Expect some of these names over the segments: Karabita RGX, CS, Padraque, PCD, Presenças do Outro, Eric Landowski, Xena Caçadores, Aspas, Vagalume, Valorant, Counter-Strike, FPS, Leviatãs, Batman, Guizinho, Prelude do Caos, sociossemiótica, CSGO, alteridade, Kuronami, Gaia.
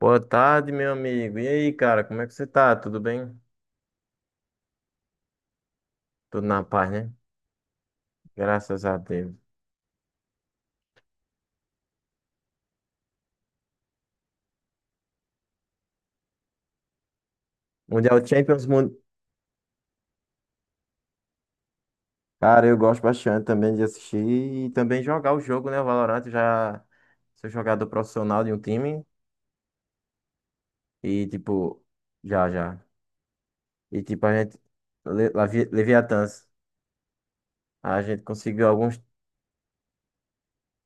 Boa tarde, meu amigo. E aí, cara, como é que você tá? Tudo bem? Tudo na paz, né? Graças a Deus. Mundial Champions, cara, eu gosto bastante também de assistir e também jogar o jogo, né? O Valorant eu já sou jogador profissional de um time e tipo, já, já. E tipo, a gente Leviatãs, a gente conseguiu alguns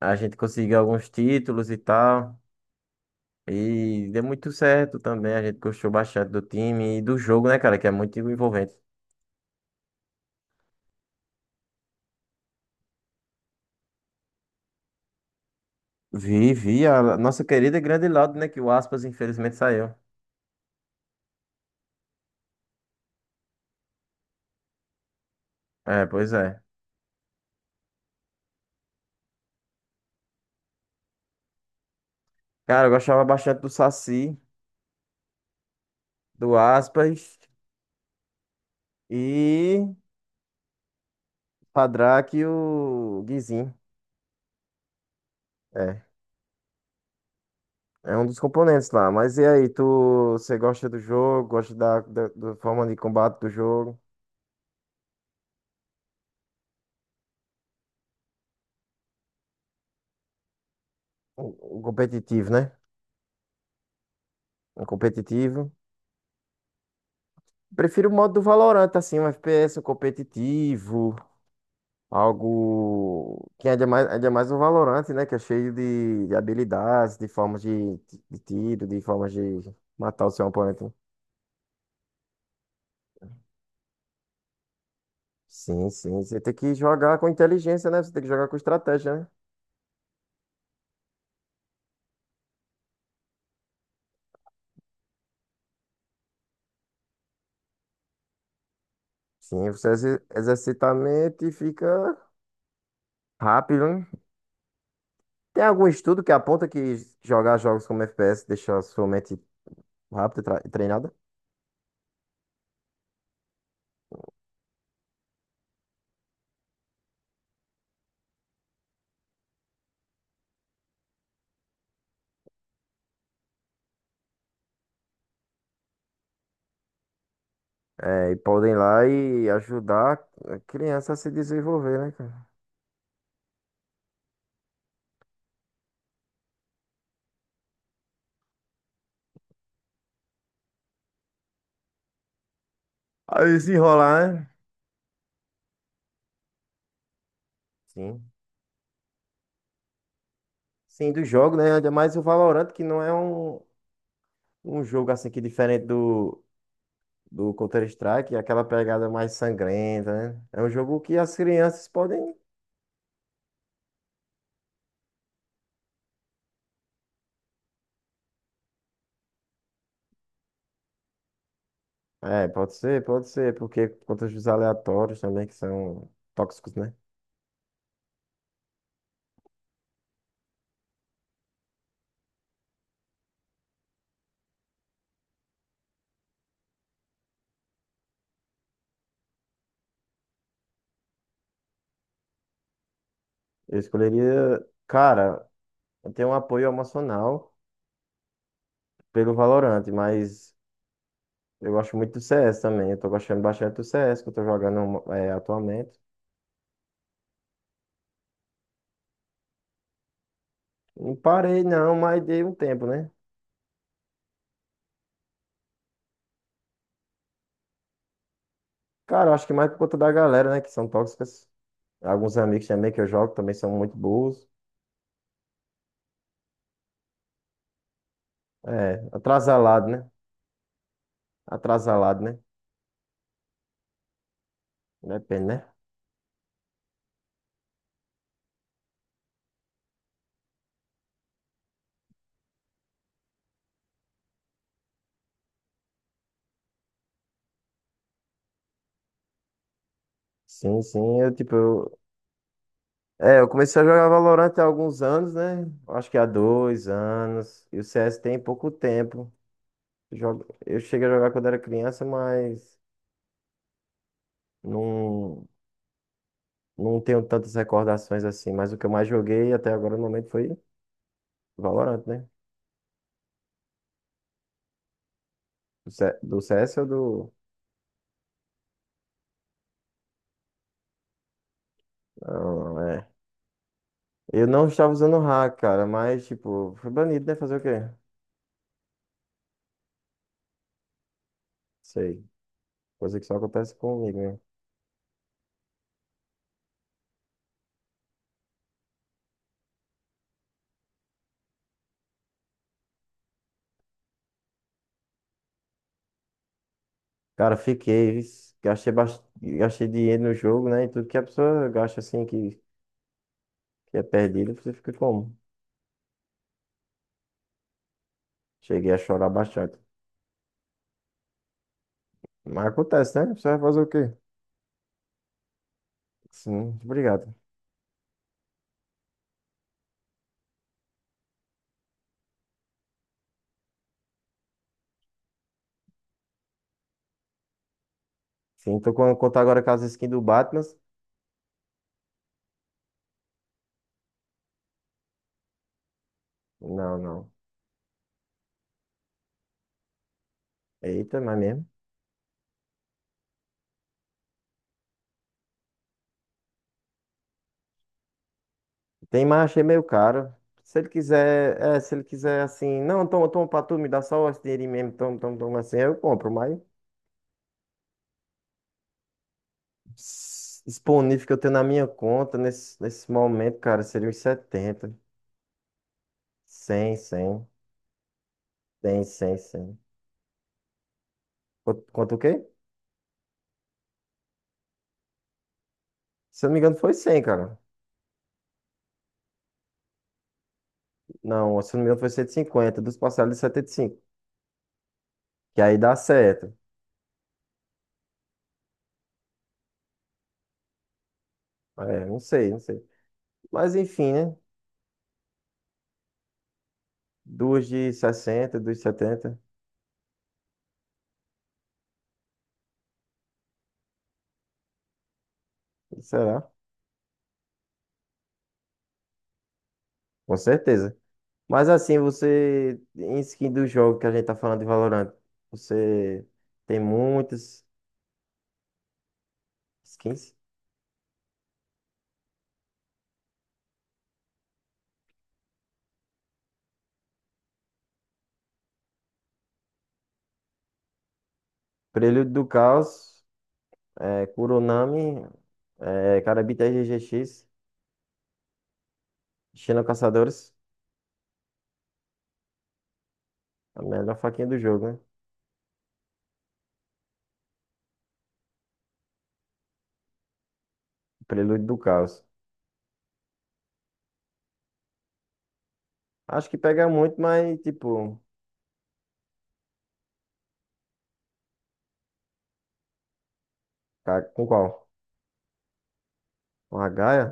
a gente conseguiu alguns títulos e tal. E deu muito certo também, a gente gostou bastante do time e do jogo, né, cara, que é muito envolvente. Vi a nossa querida e grande Laudo, né? Que o Aspas infelizmente saiu. É, pois é. Cara, eu gostava bastante do Saci, do Aspas e Padraque e o Guizinho. É, é um dos componentes lá. Mas e aí, você gosta do jogo? Gosta da forma de combate do jogo? O competitivo, né? O competitivo. Prefiro o modo do Valorant, assim, um FPS, um competitivo. Algo que é mais, ainda é mais o Valorant, né? Que é cheio de habilidades, de formas de tiro, de formas de matar o seu oponente. Sim, sim. Você tem que jogar com inteligência, né? Você tem que jogar com estratégia, né? Sim, você exercita a mente e fica rápido, né? Tem algum estudo que aponta que jogar jogos como FPS deixa a sua mente rápida e treinada? É, e podem ir lá e ajudar a criança a se desenvolver, né, cara? A desenrolar, né? Sim. Sim, do jogo, né? Ainda mais o Valorant, que não é um jogo assim que diferente do Counter-Strike, é aquela pegada mais sangrenta, né? É um jogo que as crianças podem. É, pode ser, porque contra os aleatórios também, que são tóxicos, né? Eu escolheria. Cara, eu tenho um apoio emocional pelo Valorant, mas eu gosto muito do CS também. Eu tô gostando bastante do CS que eu tô jogando, é, atualmente. Não parei, não, mas dei um tempo, né? Cara, eu acho que mais por conta da galera, né, que são tóxicas. Alguns amigos também que eu jogo também são muito burros. É, atrasalado, né? Atrasalado, né? Depende, né? Sim, sim, é, eu comecei a jogar Valorant há alguns anos, né? Acho que há 2 anos. E o CS tem pouco tempo. Eu cheguei a jogar quando era criança, mas não, não tenho tantas recordações assim. Mas o que eu mais joguei até agora no momento foi Valorant, né? Do C- do ou do. Não, é. Eu não estava usando hack, cara, mas, tipo, foi banido, né? Fazer o quê? Sei. Coisa que só acontece comigo, né? Cara, fiquei, gastei dinheiro no jogo, né? E tudo que a pessoa gasta assim, que é perdido, você fica como? Cheguei a chorar bastante. Mas acontece, né? Você vai fazer o quê? Sim, obrigado. Sim, tô com contar agora com as skins do Batman. Não, não. Eita, mas mesmo. Tem, marcha achei meio caro. Se ele quiser, é, se ele quiser assim, não, toma, toma pra tu, me dá só esse dinheirinho mesmo, toma, toma, toma assim, eu compro, mas disponível que eu tenho na minha conta nesse momento, cara, seria uns 70, 100, 100, 100, 100. 100. Quanto o quê? Se eu não me engano foi 100, cara. Não, se eu não me engano foi 150, dos parcelados de 75, que aí dá certo. É, não sei, não sei. Mas enfim, né? Duas de 60, duas de 70, será? Com certeza. Mas assim, você, em skin do jogo que a gente tá falando de Valorant, você tem muitas skins. Prelude do Caos, é, Kuronami, é, Karabita RGX, Xena Caçadores, a melhor faquinha do jogo, né? Prelude do Caos. Acho que pega muito, mas tipo, com qual? Com a Gaia?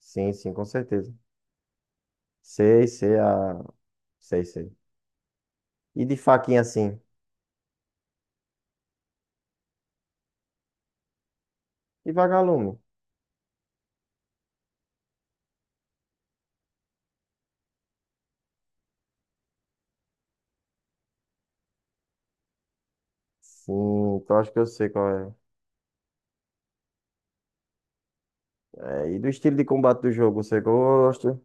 Sim, sim, com certeza. Sei, sei, sei, sei. E de faquinha assim? E Vagalume? Sim, eu acho que eu sei qual é. É, e do estilo de combate do jogo, você gosta?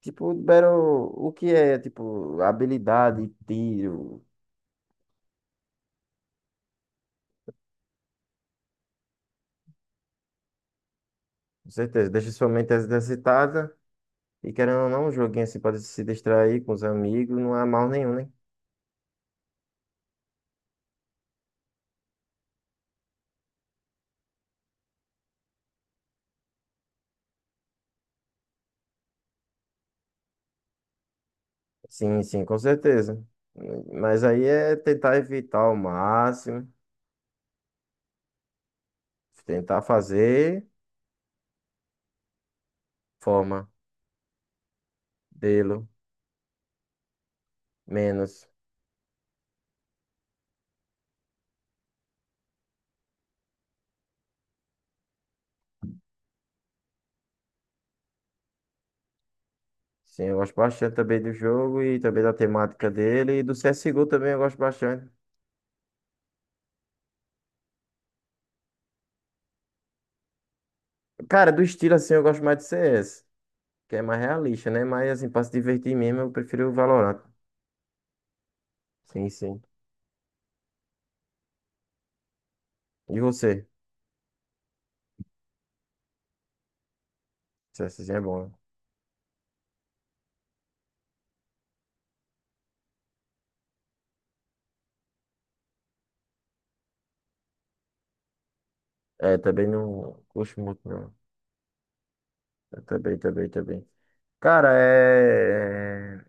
Tipo, Battle, o que é, tipo, habilidade, tiro, com certeza, deixa sua mente exercitada. E querendo ou não, um joguinho assim pode se distrair com os amigos, não é mal nenhum, né? Sim, sim, com certeza. Mas aí é tentar evitar ao máximo, tentar fazer forma, dele menos. Sim, eu gosto bastante também do jogo e também da temática dele. E do CSGO também eu gosto bastante. Cara, do estilo assim, eu gosto mais de CS, que é mais realista, né? Mas assim, pra se divertir mesmo, eu prefiro o Valorant. Sim, sim. E você? CSzinho é bom, né? É, também não gosto muito, não. Eu também, também, também. Cara, é...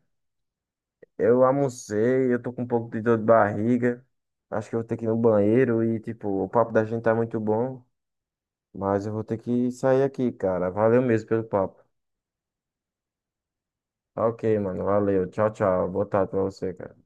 é, eu almocei, eu tô com um pouco de dor de barriga. Acho que eu vou ter que ir no banheiro e, tipo, o papo da gente tá muito bom, mas eu vou ter que sair aqui, cara. Valeu mesmo pelo papo. Tá Ok, mano, valeu. Tchau, tchau. Boa tarde pra você, cara.